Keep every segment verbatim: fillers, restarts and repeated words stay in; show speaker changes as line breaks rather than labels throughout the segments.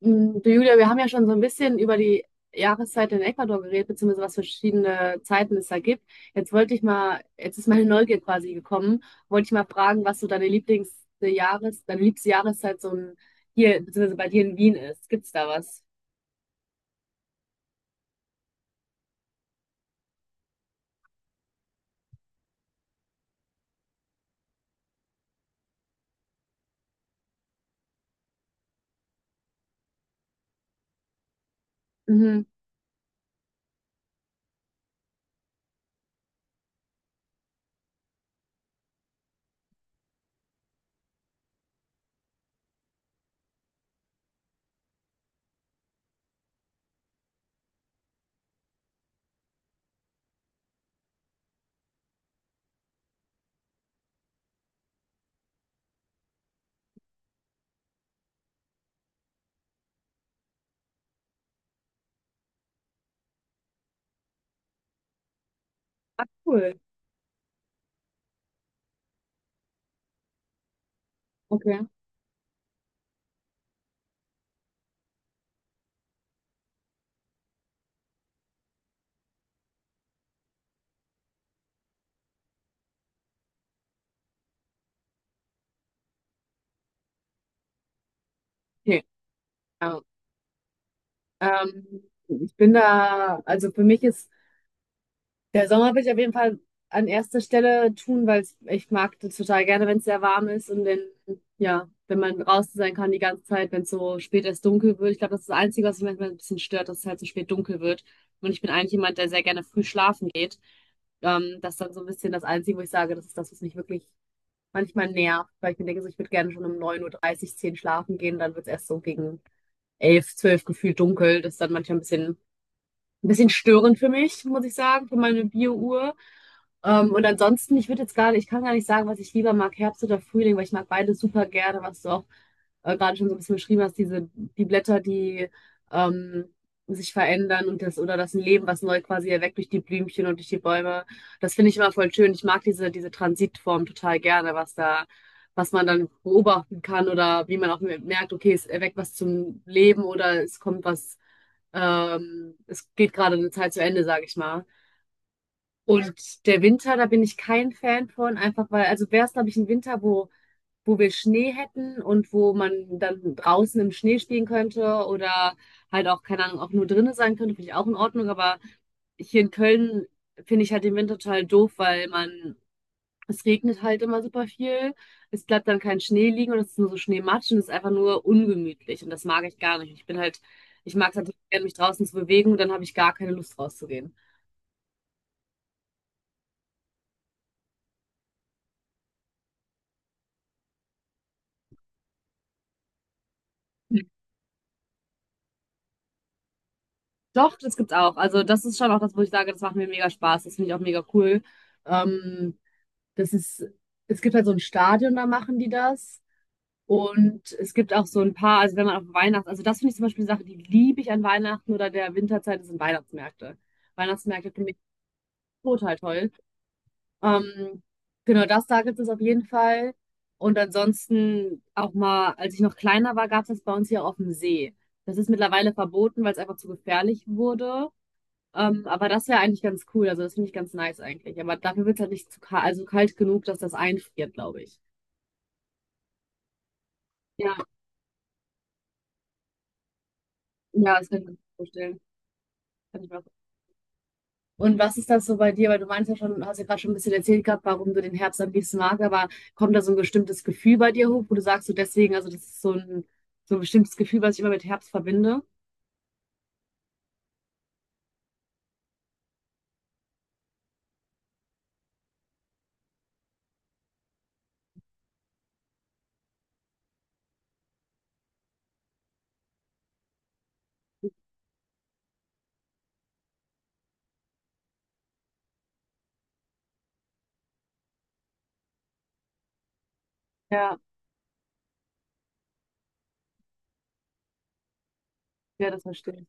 Mm, Du Julia, wir haben ja schon so ein bisschen über die Jahreszeit in Ecuador geredet, beziehungsweise was für verschiedene Zeiten es da gibt. Jetzt wollte ich mal, jetzt ist meine Neugier quasi gekommen, wollte ich mal fragen, was so deine Lieblings äh, Jahres, deine liebste Jahreszeit so ein, hier, beziehungsweise bei dir in Wien ist. Gibt's da was? Mhm. Ah, cool. Okay. Okay. Ja. Ähm, ich bin da, also für mich ist. Der Sommer will ich auf jeden Fall an erster Stelle tun, weil es- ich mag das total gerne, wenn es sehr warm ist und wenn, ja, wenn man draußen sein kann die ganze Zeit, wenn es so spät erst dunkel wird. Ich glaube, das ist das Einzige, was mich manchmal ein bisschen stört, dass es halt so spät dunkel wird. Und ich bin eigentlich jemand, der sehr gerne früh schlafen geht. Ähm, das ist dann so ein bisschen das Einzige, wo ich sage, das ist das, was mich wirklich manchmal nervt, weil ich mir denke, so, ich würde gerne schon um neun Uhr, dreißig zehn schlafen gehen, dann wird es erst so gegen elf zwölf gefühlt dunkel. Das ist dann manchmal ein bisschen, ein bisschen störend für mich, muss ich sagen, für meine Bio-Uhr. Ähm, und ansonsten, ich würde jetzt gerade, ich kann gar nicht sagen, was ich lieber mag, Herbst oder Frühling, weil ich mag beides super gerne, was du auch äh, gerade schon so ein bisschen beschrieben hast, diese, die Blätter, die ähm, sich verändern und das, oder das Leben, was neu quasi erweckt durch die Blümchen und durch die Bäume. Das finde ich immer voll schön. Ich mag diese, diese Transitform total gerne, was da, was man dann beobachten kann oder wie man auch merkt, okay, es erweckt was zum Leben oder es kommt was, ähm, es geht gerade eine Zeit zu Ende, sage ich mal. Und der Winter, da bin ich kein Fan von, einfach weil, also wäre es, glaube ich, ein Winter, wo, wo wir Schnee hätten und wo man dann draußen im Schnee stehen könnte oder halt auch, keine Ahnung, auch nur drinnen sein könnte, finde ich auch in Ordnung. Aber hier in Köln finde ich halt den Winter total doof, weil man, es regnet halt immer super viel, es bleibt dann kein Schnee liegen und es ist nur so Schneematsch und es ist einfach nur ungemütlich und das mag ich gar nicht. Ich bin halt, ich mag es halt total gerne, mich draußen zu bewegen und dann habe ich gar keine Lust rauszugehen. Doch, das gibt's auch. Also das ist schon auch das, wo ich sage, das macht mir mega Spaß. Das finde ich auch mega cool. Ähm, das ist, es gibt halt so ein Stadion, da machen die das. Und es gibt auch so ein paar, also wenn man auf Weihnachten, also das finde ich zum Beispiel eine Sache, die liebe ich an Weihnachten oder der Winterzeit, sind Weihnachtsmärkte. Weihnachtsmärkte finde ich total toll. Ähm, genau, das da gibt es auf jeden Fall. Und ansonsten auch mal, als ich noch kleiner war, gab es das bei uns hier auf dem See. Das ist mittlerweile verboten, weil es einfach zu gefährlich wurde. Ähm, aber das wäre eigentlich ganz cool. Also das finde ich ganz nice eigentlich. Aber dafür wird es halt nicht zu kalt, also kalt genug, dass das einfriert, glaube ich. Ja, ja, das kann ich mir vorstellen. Kann ich mir auch- Und was ist das so bei dir? Weil du meinst ja schon, hast ja gerade schon ein bisschen erzählt gehabt, warum du den Herbst am liebsten magst, aber kommt da so ein bestimmtes Gefühl bei dir hoch, wo du sagst, so deswegen, also das ist so ein, so ein bestimmtes Gefühl, was ich immer mit Herbst verbinde? Ja, ja, das verstehe ich.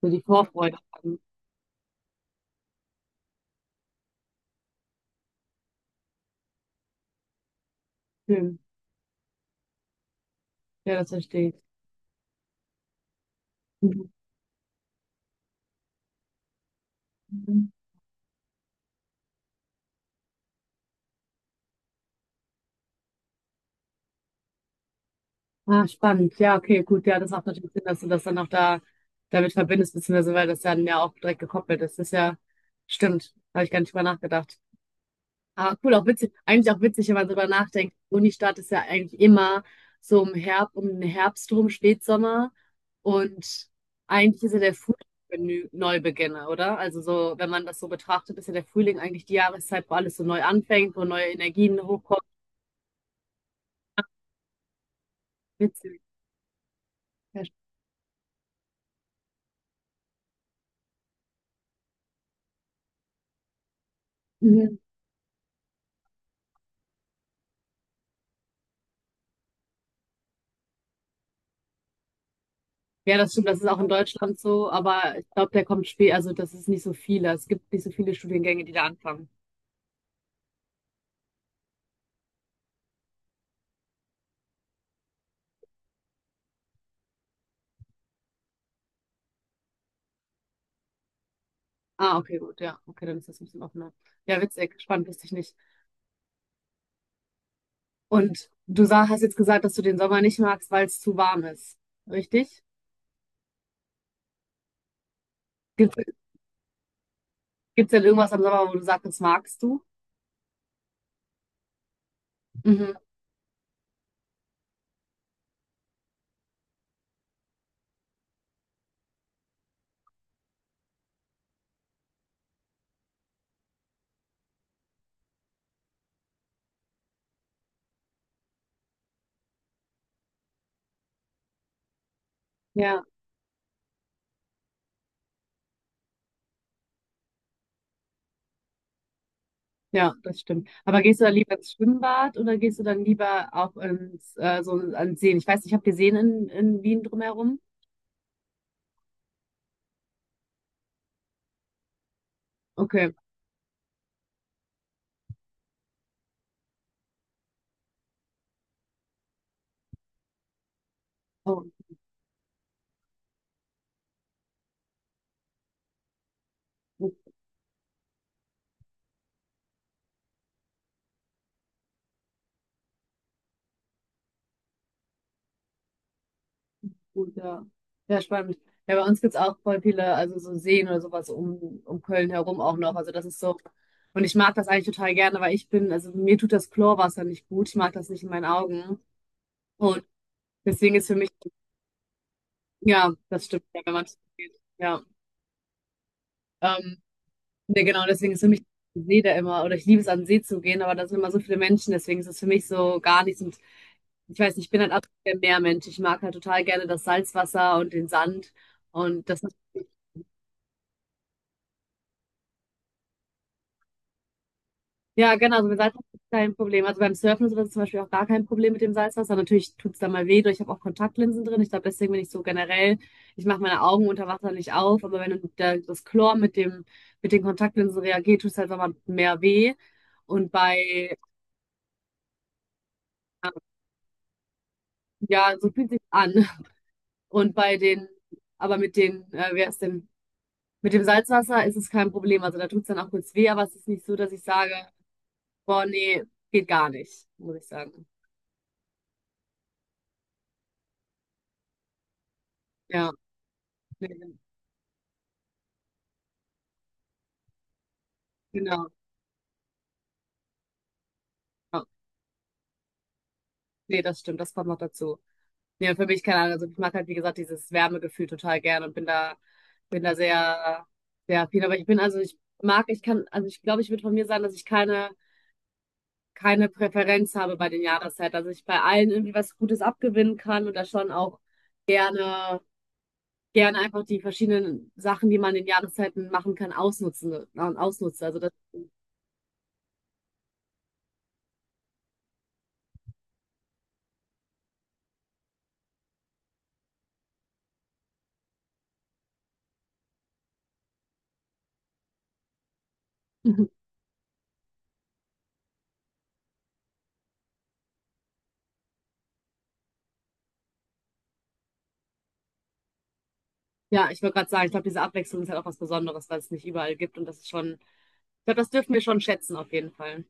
So die Vorfreude. Schön. Ja, das verstehe ich. Mhm. Ah, spannend. Ja, okay, gut. Ja, das macht natürlich Sinn, dass du das dann auch da damit verbindest, beziehungsweise weil das dann ja auch direkt gekoppelt ist. Das ist ja, stimmt. Habe ich gar nicht drüber nachgedacht. Aber cool, auch witzig. Eigentlich auch witzig, wenn man drüber nachdenkt. Unistadt ist ja eigentlich immer so im Herbst, um den Herbst rum, Spätsommer. Und eigentlich ist ja der Frühling Menü Neubeginne, oder? Also so, wenn man das so betrachtet, ist ja der Frühling eigentlich die Jahreszeit, wo alles so neu anfängt, wo neue Energien hochkommen. Witzig. Ja, ja, das stimmt, das ist auch in Deutschland so, aber ich glaube, der kommt spät, also das ist nicht so viele. Es gibt nicht so viele Studiengänge, die da anfangen. Ah, okay, gut, ja, okay, dann ist das ein bisschen offener. Ja, witzig, spannend, wusste ich nicht. Und du sag, hast jetzt gesagt, dass du den Sommer nicht magst, weil es zu warm ist, richtig? Gibt es denn irgendwas am Sommer, wo du sagst, das magst du? Mhm. Ja, ja, das stimmt. Aber gehst du dann lieber ins Schwimmbad oder gehst du dann lieber auch ins, äh, so an Seen? Ich weiß nicht, habt ihr Seen in, in Wien drumherum? Okay. Oh. Gut, ja. Ja, spannend. Ja, bei uns gibt es auch voll viele, also so Seen oder sowas um, um Köln herum auch noch. Also das ist so. Und ich mag das eigentlich total gerne, weil ich bin, also mir tut das Chlorwasser nicht gut. Ich mag das nicht in meinen Augen. Und deswegen ist für mich, ja, das stimmt, ja, wenn man geht. Ja. Ähm, nee, genau, deswegen ist für mich der See da immer, oder ich liebe es an den See zu gehen, aber da sind immer so viele Menschen, deswegen ist es für mich so gar nichts. Und ich weiß nicht, ich bin halt absolut der Meermensch. Ich mag halt total gerne das Salzwasser und den Sand. Und das. Ja, genau, also mit Salzwasser ist kein Problem. Also beim Surfen und sowas ist zum Beispiel auch gar kein Problem mit dem Salzwasser. Natürlich tut's es da mal weh, durch. Ich habe auch Kontaktlinsen drin. Ich glaube, deswegen bin ich so generell, ich mache meine Augen unter Wasser nicht auf, aber wenn der, das Chlor mit dem, mit den Kontaktlinsen reagiert, tut's es halt nochmal mehr weh. Und bei, ja, so fühlt sich an. Und bei den, aber mit den, äh, wer ist denn, mit dem Salzwasser ist es kein Problem. Also da tut's dann auch kurz weh, aber es ist nicht so, dass ich sage, boah, nee, geht gar nicht, muss ich sagen. Ja, nee, genau. Ja. Nee, das stimmt, das kommt noch dazu. Nee, und für mich, keine Ahnung, also ich mag halt, wie gesagt, dieses Wärmegefühl total gern und bin da, bin da, sehr, sehr viel. Aber ich bin, also ich mag, ich kann, also ich glaube, ich würde von mir sagen, dass ich keine, keine Präferenz habe bei den Jahreszeiten. Also ich bei allen irgendwie was Gutes abgewinnen kann und da schon auch gerne, gerne einfach die verschiedenen Sachen, die man in den Jahreszeiten machen kann, ausnutzen, äh, ausnutze. Also das, ja, ich wollte gerade sagen, ich glaube, diese Abwechslung ist halt auch was Besonderes, was es nicht überall gibt und das ist schon, ich glaube, das dürfen wir schon schätzen auf jeden Fall.